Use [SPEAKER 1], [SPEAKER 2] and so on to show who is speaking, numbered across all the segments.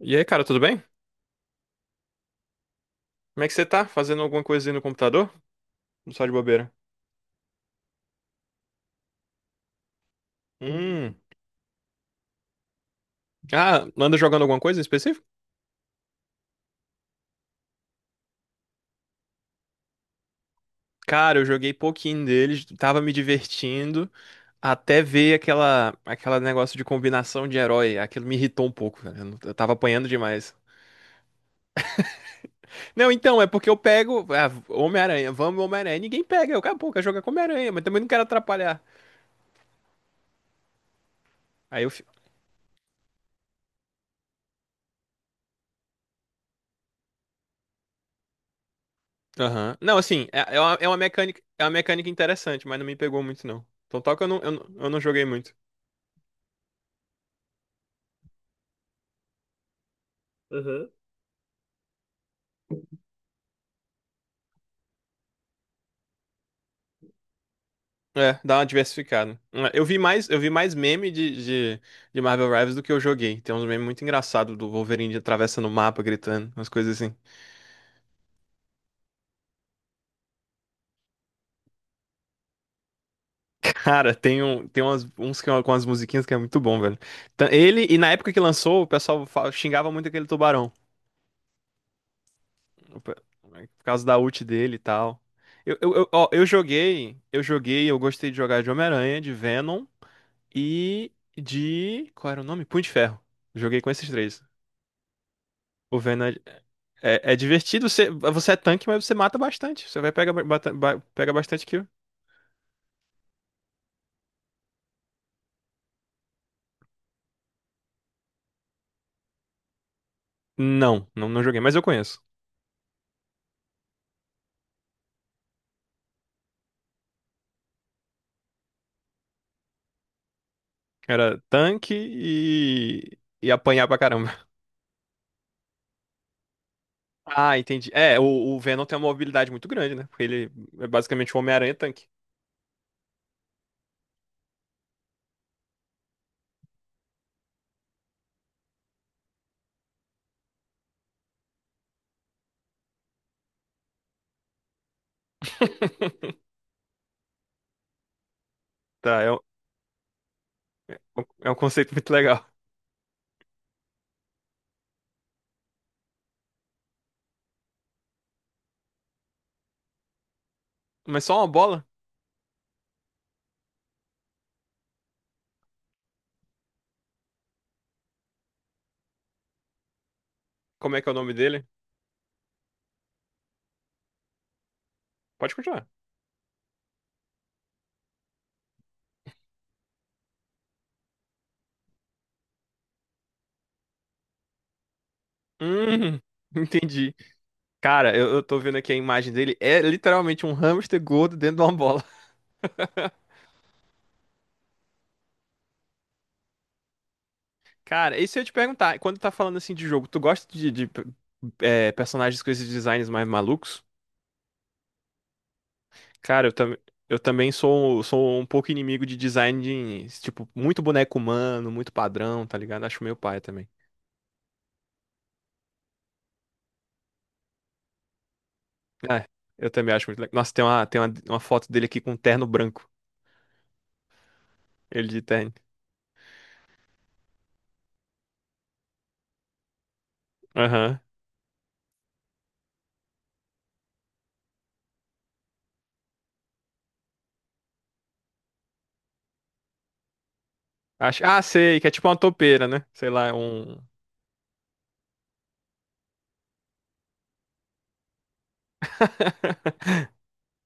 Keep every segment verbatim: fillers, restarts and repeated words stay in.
[SPEAKER 1] E aí, cara, tudo bem? Como é que você tá? Fazendo alguma coisa aí no computador? Não, só de bobeira. Hum. Ah, anda jogando alguma coisa em específico? Cara, eu joguei pouquinho deles, tava me divertindo, até ver aquela, aquela negócio de combinação de herói. Aquilo me irritou um pouco, velho. Eu não- eu tava apanhando demais. Não, então, é porque eu pego. Ah, Homem-Aranha, vamos Homem-Aranha. Ninguém pega. Eu, cara, pô, quero jogar com Homem-Aranha, mas também não quero atrapalhar. Aí eu. fi- Aham. Não, assim, é, é uma, é uma mecânica, é uma mecânica interessante, mas não me pegou muito, não. Então, tal que eu não, eu não eu não joguei muito. É, dá uma diversificada. É, Eu vi mais eu vi mais meme de, de, de Marvel Rivals do que eu joguei. Tem uns memes muito engraçados do Wolverine atravessando o mapa, gritando, umas coisas assim. Cara, tem, um, tem umas, uns que, é, com as musiquinhas que é muito bom, velho. Tá- Ele, e na época que lançou, o pessoal fa- xingava muito aquele tubarão. o pe- Por causa da ult dele e tal. Eu, eu, eu, ó, eu joguei, eu joguei, eu gostei de jogar de Homem-Aranha, de Venom e de. Qual era o nome? Punho de Ferro. Joguei com esses três. O Venom. É, é divertido, você, você é tanque, mas você mata bastante. Você vai pegar bata- ba- pega bastante kill. Não, não, não joguei, mas eu conheço. Era tanque e, e apanhar pra caramba. Ah, entendi. É, o, o Venom tem uma mobilidade muito grande, né? Porque ele é basicamente o Homem-Aranha tanque. Tá, é um, é um conceito muito legal. Mas só uma bola? Como é que é o nome dele? Pode continuar. Hum, entendi. Cara, eu, eu tô vendo aqui a imagem dele. É literalmente um hamster gordo dentro de uma bola. Cara, isso se eu ia te perguntar, quando tá falando assim de jogo, tu gosta de, de, é, personagens com esses designs mais malucos? Cara, eu, tam, eu também sou, sou um pouco inimigo de design de, tipo, muito boneco humano, muito padrão, tá ligado? Acho meio paia também. É, eu também acho muito legal. Nossa, tem uma, tem uma, uma foto dele aqui com um terno branco. Ele de terno. Aham. Acho, ah, sei, que é tipo uma toupeira, né? Sei lá, um.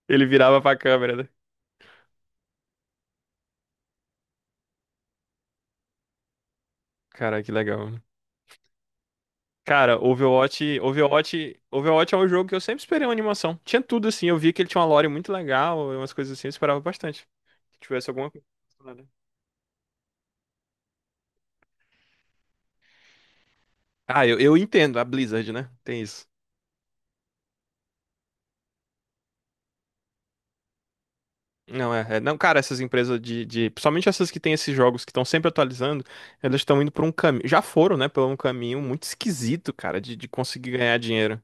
[SPEAKER 1] Ele virava pra câmera, né? Cara, que legal. Cara, Overwatch, Overwatch, Overwatch é um jogo que eu sempre esperei uma animação. Tinha tudo assim, eu vi que ele tinha uma lore muito legal, umas coisas assim, eu esperava bastante. Que tivesse alguma coisa relacionada. Ah, eu, eu entendo, a Blizzard, né? Tem isso. Não, é, é- não, cara, essas empresas de, de, principalmente essas que têm esses jogos que estão sempre atualizando, elas estão indo por um caminho, já foram, né, por um caminho muito esquisito, cara, de, de conseguir ganhar dinheiro.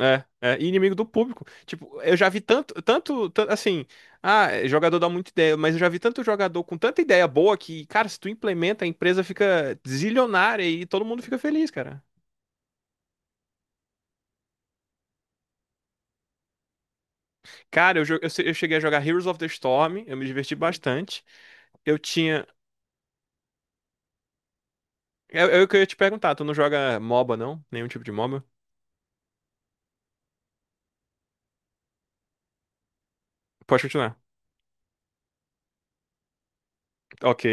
[SPEAKER 1] É, é, e inimigo do público. Tipo, eu já vi tanto, tanto, tan- assim, ah, jogador dá muita ideia, mas eu já vi tanto jogador com tanta ideia boa que, cara, se tu implementa, a empresa fica zilionária e todo mundo fica feliz, cara. Cara, eu, jo- eu, se- eu cheguei a jogar Heroes of the Storm, eu me diverti bastante. Eu tinha. Eu, eu, que eu ia te perguntar, tu não joga M O B A, não? Nenhum tipo de M O B A? Pode continuar. Ok.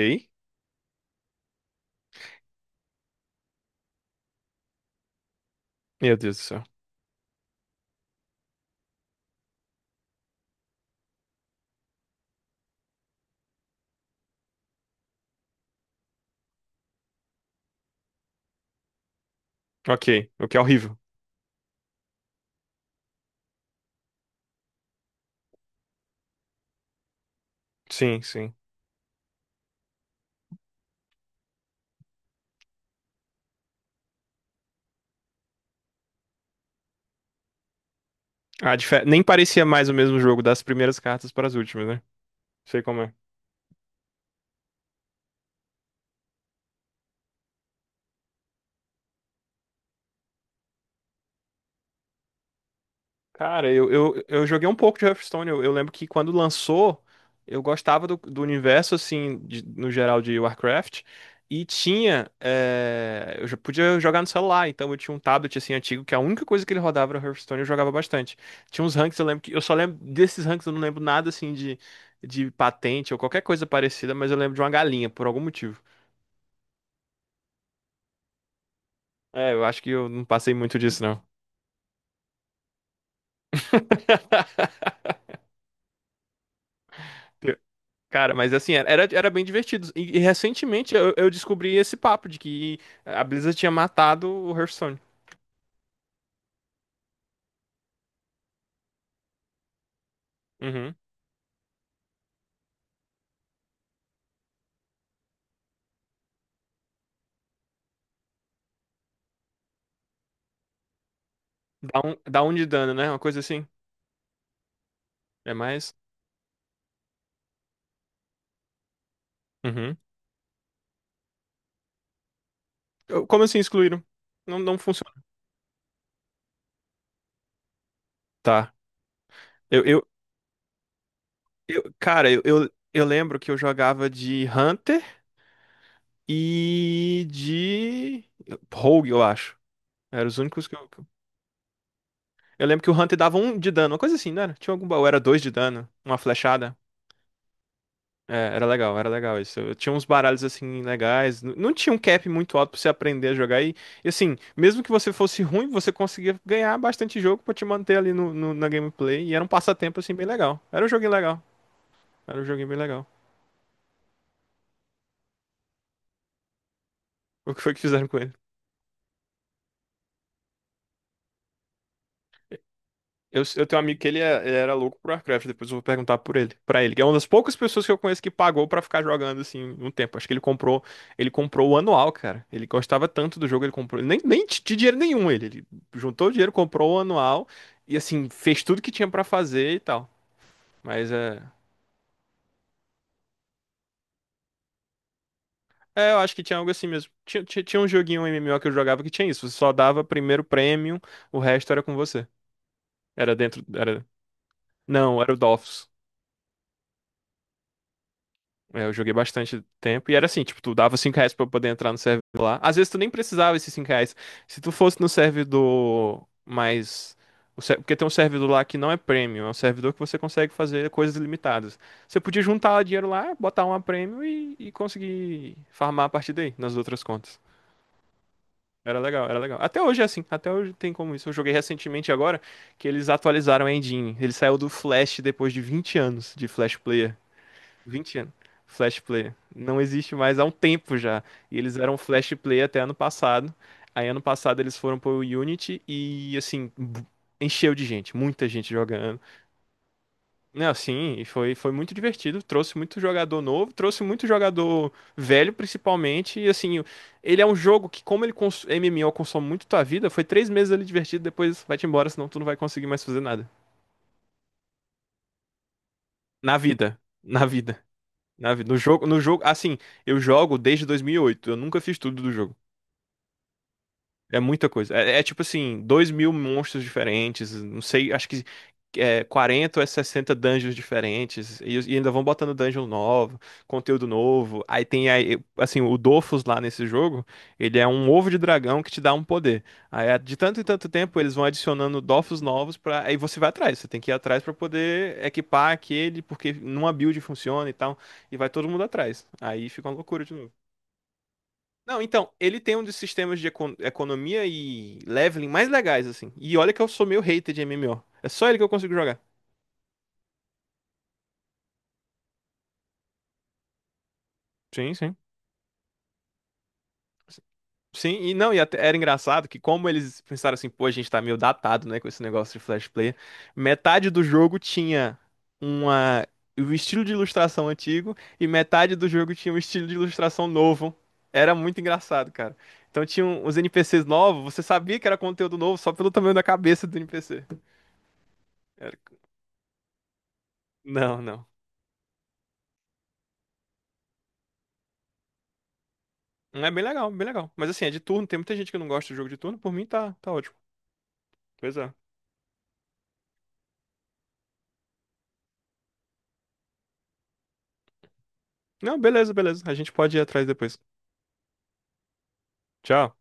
[SPEAKER 1] Meu Deus do céu. Ok, o que é horrível. Sim, sim. Ah, dife- Nem parecia mais o mesmo jogo das primeiras cartas para as últimas, né? Sei como é. Cara, eu, eu, eu joguei um pouco de Hearthstone. Eu, eu lembro que quando lançou, eu gostava do, do universo, assim, de- no geral de Warcraft. E tinha. eh, eu já podia jogar no celular, então eu tinha um tablet, assim, antigo, que a única coisa que ele rodava era Hearthstone, eu jogava bastante. Tinha uns ranks, eu lembro que. Eu só lembro desses ranks, eu não lembro nada, assim, de, de patente ou qualquer coisa parecida, mas eu lembro de uma galinha, por algum motivo. É, eu acho que eu não passei muito disso, não. Cara, mas assim, era, era bem divertido. E, e recentemente eu, eu descobri esse papo de que a Blizzard tinha matado o Hearthstone. Uhum. Dá um, dá um de dano, né? Uma coisa assim. É mais. Uhum. Eu- Como assim excluíram? Não, não funciona. Tá. Eu, eu, eu- cara, eu, eu, eu lembro que eu jogava de Hunter e de Rogue, eu acho. Eram os únicos que eu. Eu lembro que o Hunter dava um de dano, uma coisa assim, não era? Tinha algum baú, era dois de dano, uma flechada. É, era legal, era legal isso. Eu tinha uns baralhos assim legais. n- Não tinha um cap muito alto pra você aprender a jogar. E, e, assim, mesmo que você fosse ruim, você conseguia ganhar bastante jogo pra te manter ali no, no- na gameplay. E era um passatempo assim bem legal. Era um joguinho legal. Era um joguinho bem legal. O que foi que fizeram com ele? Eu, eu tenho um amigo que ele, é- ele era louco por Warcraft, depois eu vou perguntar por ele, pra ele, que é uma das poucas pessoas que eu conheço que pagou pra ficar jogando assim um tempo. Acho que ele comprou, ele comprou o anual, cara. Ele gostava tanto do jogo, ele comprou, nem nem de dinheiro nenhum ele, ele juntou o dinheiro, comprou o anual e assim fez tudo que tinha pra fazer e tal. Mas é, é, eu acho que tinha algo assim mesmo. Tinha, tinha, tinha um joguinho um M M O que eu jogava que tinha isso, você só dava primeiro prêmio, o resto era com você. Era dentro, era, não, era o Dofus. É, Eu joguei bastante tempo e era assim, tipo, tu dava cinco reais pra poder entrar no servidor lá. Às vezes tu nem precisava esses cinco reais. Se tu fosse no servidor mais, o ser- Porque tem um servidor lá que não é premium, é um servidor que você consegue fazer coisas ilimitadas. Você podia juntar dinheiro lá, botar uma premium e, e conseguir farmar a partir daí, nas outras contas. Era legal, era legal. Até hoje é assim, até hoje tem como isso. Eu joguei recentemente agora que eles atualizaram a engine. Ele saiu do Flash depois de vinte anos de Flash Player vinte anos. Flash Player. Não existe mais há um tempo já. E eles eram Flash Player até ano passado. Aí ano passado eles foram pro Unity e assim, bu- encheu de gente, muita gente jogando. Não, assim, e foi, foi muito divertido. Trouxe muito jogador novo, trouxe muito jogador velho, principalmente. E assim, ele é um jogo que, como ele cons M M O consome muito tua vida, foi três meses ali divertido, depois vai-te embora, senão tu não vai conseguir mais fazer nada. Na vida. Na vida. Na vida. No jogo, no jogo, assim, eu jogo desde dois mil e oito, eu nunca fiz tudo do jogo. É muita coisa. É, é tipo assim, dois mil monstros diferentes, não sei, acho que é, quarenta ou é sessenta dungeons diferentes, e, e ainda vão botando dungeon novo, conteúdo novo. Aí tem, aí, assim, o Dofus lá nesse jogo, ele é um ovo de dragão que te dá um poder. Aí é, de tanto em tanto tempo eles vão adicionando Dofus novos pra. Aí você vai atrás, você tem que ir atrás pra poder equipar aquele, porque numa build funciona e tal, e vai todo mundo atrás. Aí fica uma loucura de novo. Não, então, ele tem um dos sistemas de econ- economia e leveling mais legais, assim. E olha que eu sou meio hater de M M O. É só ele que eu consigo jogar. Sim, sim. Sim, e não, e até era engraçado que como eles pensaram assim, pô, a gente tá meio datado, né, com esse negócio de Flash Player, metade do jogo tinha uma o estilo de ilustração antigo e metade do jogo tinha um estilo de ilustração novo. Era muito engraçado, cara. Então tinha um- uns N P Cs novos, você sabia que era conteúdo novo só pelo tamanho da cabeça do N P C. Era- Não, não. É bem legal, bem legal. Mas assim, é de turno, tem muita gente que não gosta de jogo de turno, por mim tá, tá ótimo. Pois é. Não, beleza, beleza. A gente pode ir atrás depois. Tchau.